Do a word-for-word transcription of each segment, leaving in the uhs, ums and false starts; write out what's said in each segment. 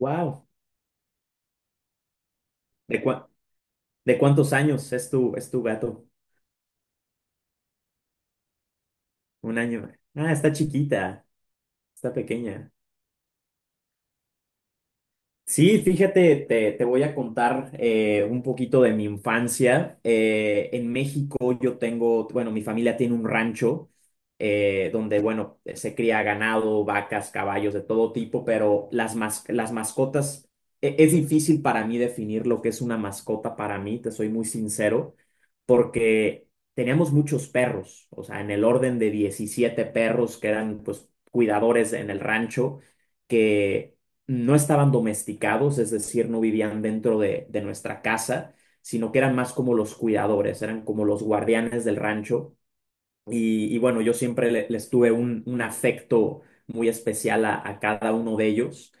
Wow. ¿De cua- de cuántos años es tu es tu gato? Un año. Ah, está chiquita, está pequeña. Sí, fíjate, te, te voy a contar eh, un poquito de mi infancia. Eh, en México yo tengo, bueno, mi familia tiene un rancho eh, donde, bueno, se cría ganado, vacas, caballos de todo tipo, pero las, mas- las mascotas, e- es difícil para mí definir lo que es una mascota para mí, te soy muy sincero, porque teníamos muchos perros, o sea, en el orden de diecisiete perros que eran, pues, cuidadores en el rancho que no estaban domesticados, es decir, no vivían dentro de, de nuestra casa, sino que eran más como los cuidadores, eran como los guardianes del rancho y, y bueno, yo siempre le- les tuve un, un afecto muy especial a, a cada uno de ellos,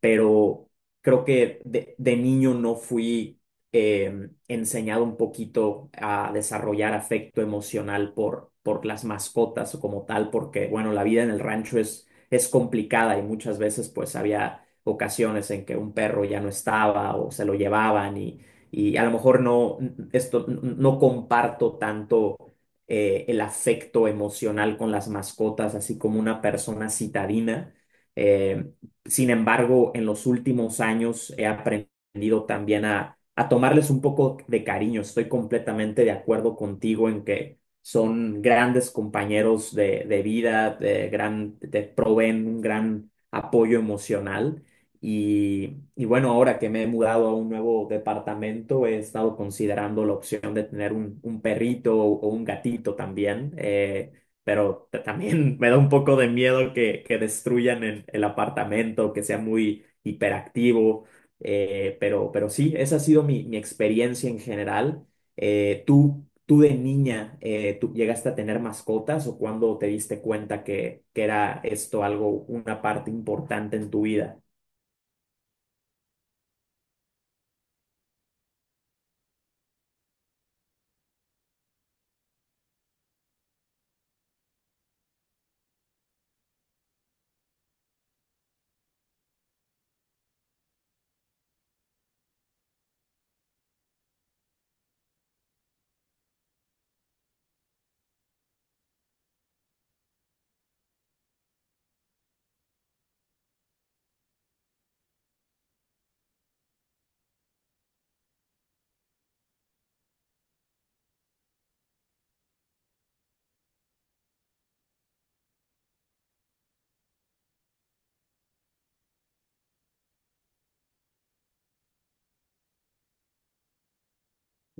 pero creo que de, de niño no fui eh, enseñado un poquito a desarrollar afecto emocional por, por las mascotas o como tal, porque bueno, la vida en el rancho es, es complicada y muchas veces pues había ocasiones en que un perro ya no estaba o se lo llevaban y, y a lo mejor no, esto, no comparto tanto eh, el afecto emocional con las mascotas, así como una persona citadina. Eh, Sin embargo, en los últimos años he aprendido también a, a tomarles un poco de cariño. Estoy completamente de acuerdo contigo en que son grandes compañeros de, de vida, de gran, te proveen un gran apoyo emocional. Y, y bueno, ahora que me he mudado a un nuevo departamento, he estado considerando la opción de tener un, un perrito o o un gatito también, eh, pero t- también me da un poco de miedo que, que destruyan el, el apartamento, que sea muy hiperactivo, eh, pero, pero sí, esa ha sido mi, mi experiencia en general. Eh, ¿tú, tú de niña, eh, tú llegaste a tener mascotas o cuándo te diste cuenta que, que era esto algo, una parte importante en tu vida?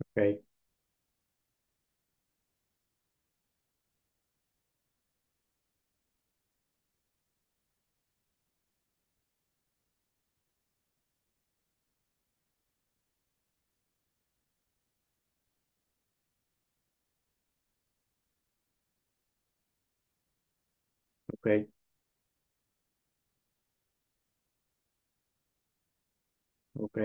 Ok. Ok, ok.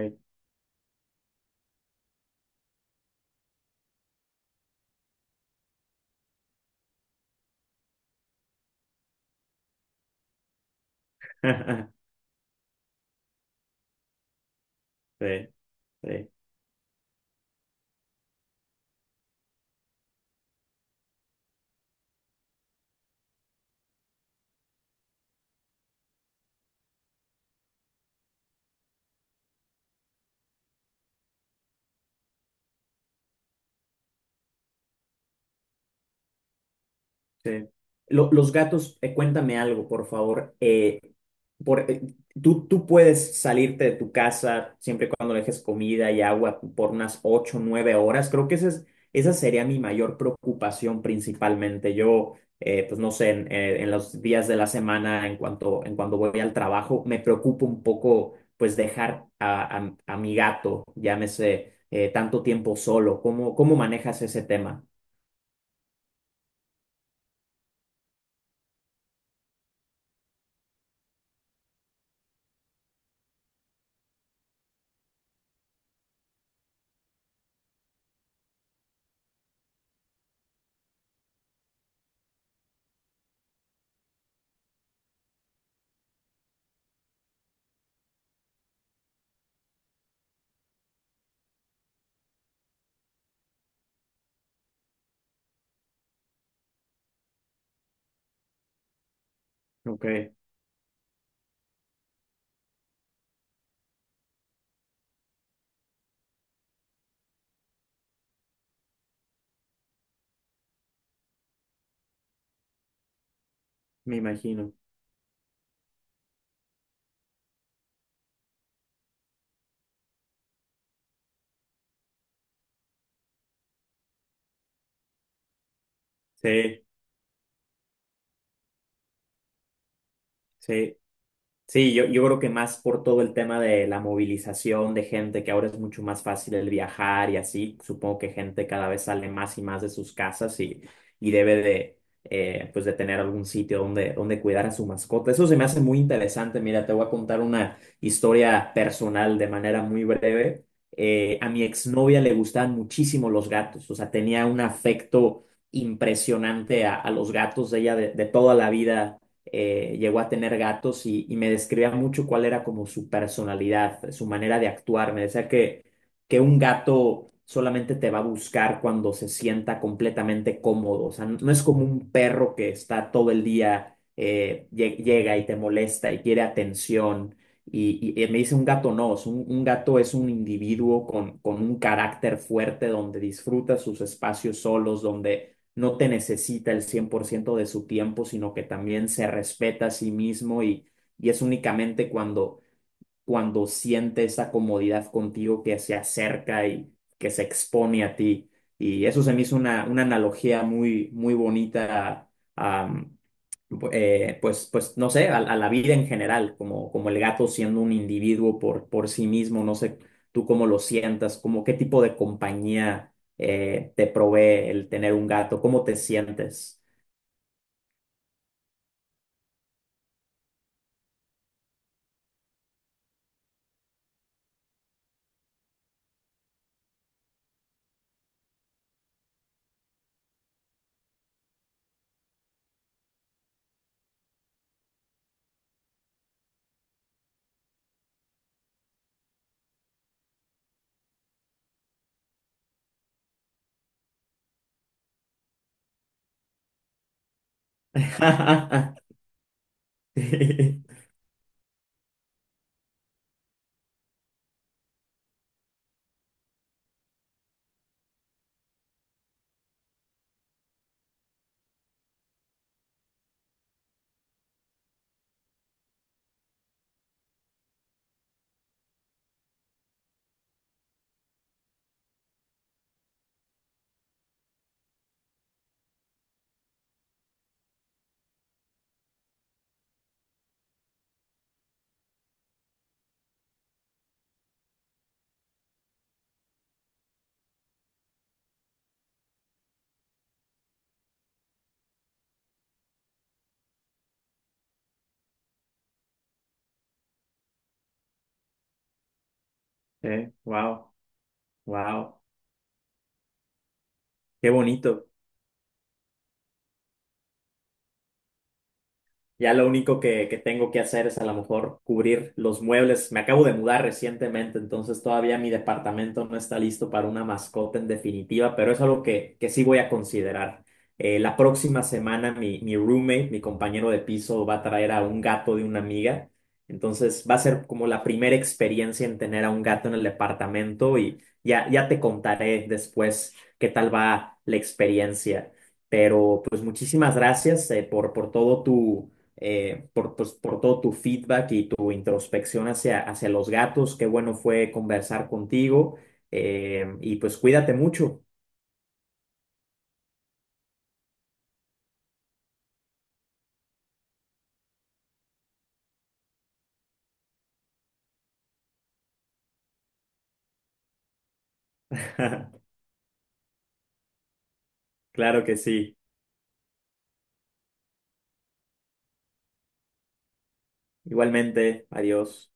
Sí, sí. Sí. Lo- los gatos, eh, cuéntame algo, por favor. Eh, por, eh, tú, tú puedes salirte de tu casa siempre y cuando le dejes comida y agua por unas ocho o nueve horas. Creo que esa es- esa sería mi mayor preocupación principalmente. Yo, eh, pues no sé, en, eh, en los días de la semana, en cuanto, en cuando voy al trabajo, me preocupa un poco, pues dejar a, a- a mi gato, llámese, eh, tanto tiempo solo. ¿Cómo, cómo manejas ese tema? Ok, me imagino. Sí. Sí, sí, yo, yo creo que más por todo el tema de la movilización de gente, que ahora es mucho más fácil el viajar y así, supongo que gente cada vez sale más y más de sus casas y, y debe de, eh, pues de tener algún sitio donde, donde cuidar a su mascota. Eso se me hace muy interesante. Mira, te voy a contar una historia personal de manera muy breve. Eh, a mi exnovia le gustaban muchísimo los gatos, o sea, tenía un afecto impresionante a, a los gatos de ella de de toda la vida, eh, llegó a tener gatos y, y me describía mucho cuál era como su personalidad, su manera de actuar. Me decía que, que un gato solamente te va a buscar cuando se sienta completamente cómodo. O sea, no es como un perro que está todo el día, eh, lle- llega y te molesta y quiere atención. Y, y- y me dice un gato no, es un, un gato es un individuo con, con un carácter fuerte donde disfruta sus espacios solos, donde no te necesita el cien por ciento de su tiempo, sino que también se respeta a sí mismo y, y es únicamente cuando, cuando siente esa comodidad contigo que se acerca y que se expone a ti. Y eso se me hizo una, una analogía muy, muy bonita a, a, eh, pues, pues no sé, a, a la vida en general, como, como el gato siendo un individuo por, por sí mismo, no sé tú cómo lo sientas, como qué tipo de compañía eh, te provee el tener un gato, cómo te sientes. Sí. Eh, wow, wow, qué bonito. Ya lo único que, que tengo que hacer es a lo mejor cubrir los muebles. Me acabo de mudar recientemente, entonces todavía mi departamento no está listo para una mascota en definitiva, pero es algo que, que sí voy a considerar. Eh, la próxima semana mi, mi roommate, mi compañero de piso, va a traer a un gato de una amiga. Entonces va a ser como la primera experiencia en tener a un gato en el departamento y ya, ya te contaré después qué tal va la experiencia. Pero pues muchísimas gracias eh, por, por todo tu eh, por, pues, por todo tu feedback y tu introspección hacia, hacia los gatos. Qué bueno fue conversar contigo. eh, y pues cuídate mucho. Claro que sí. Igualmente, adiós.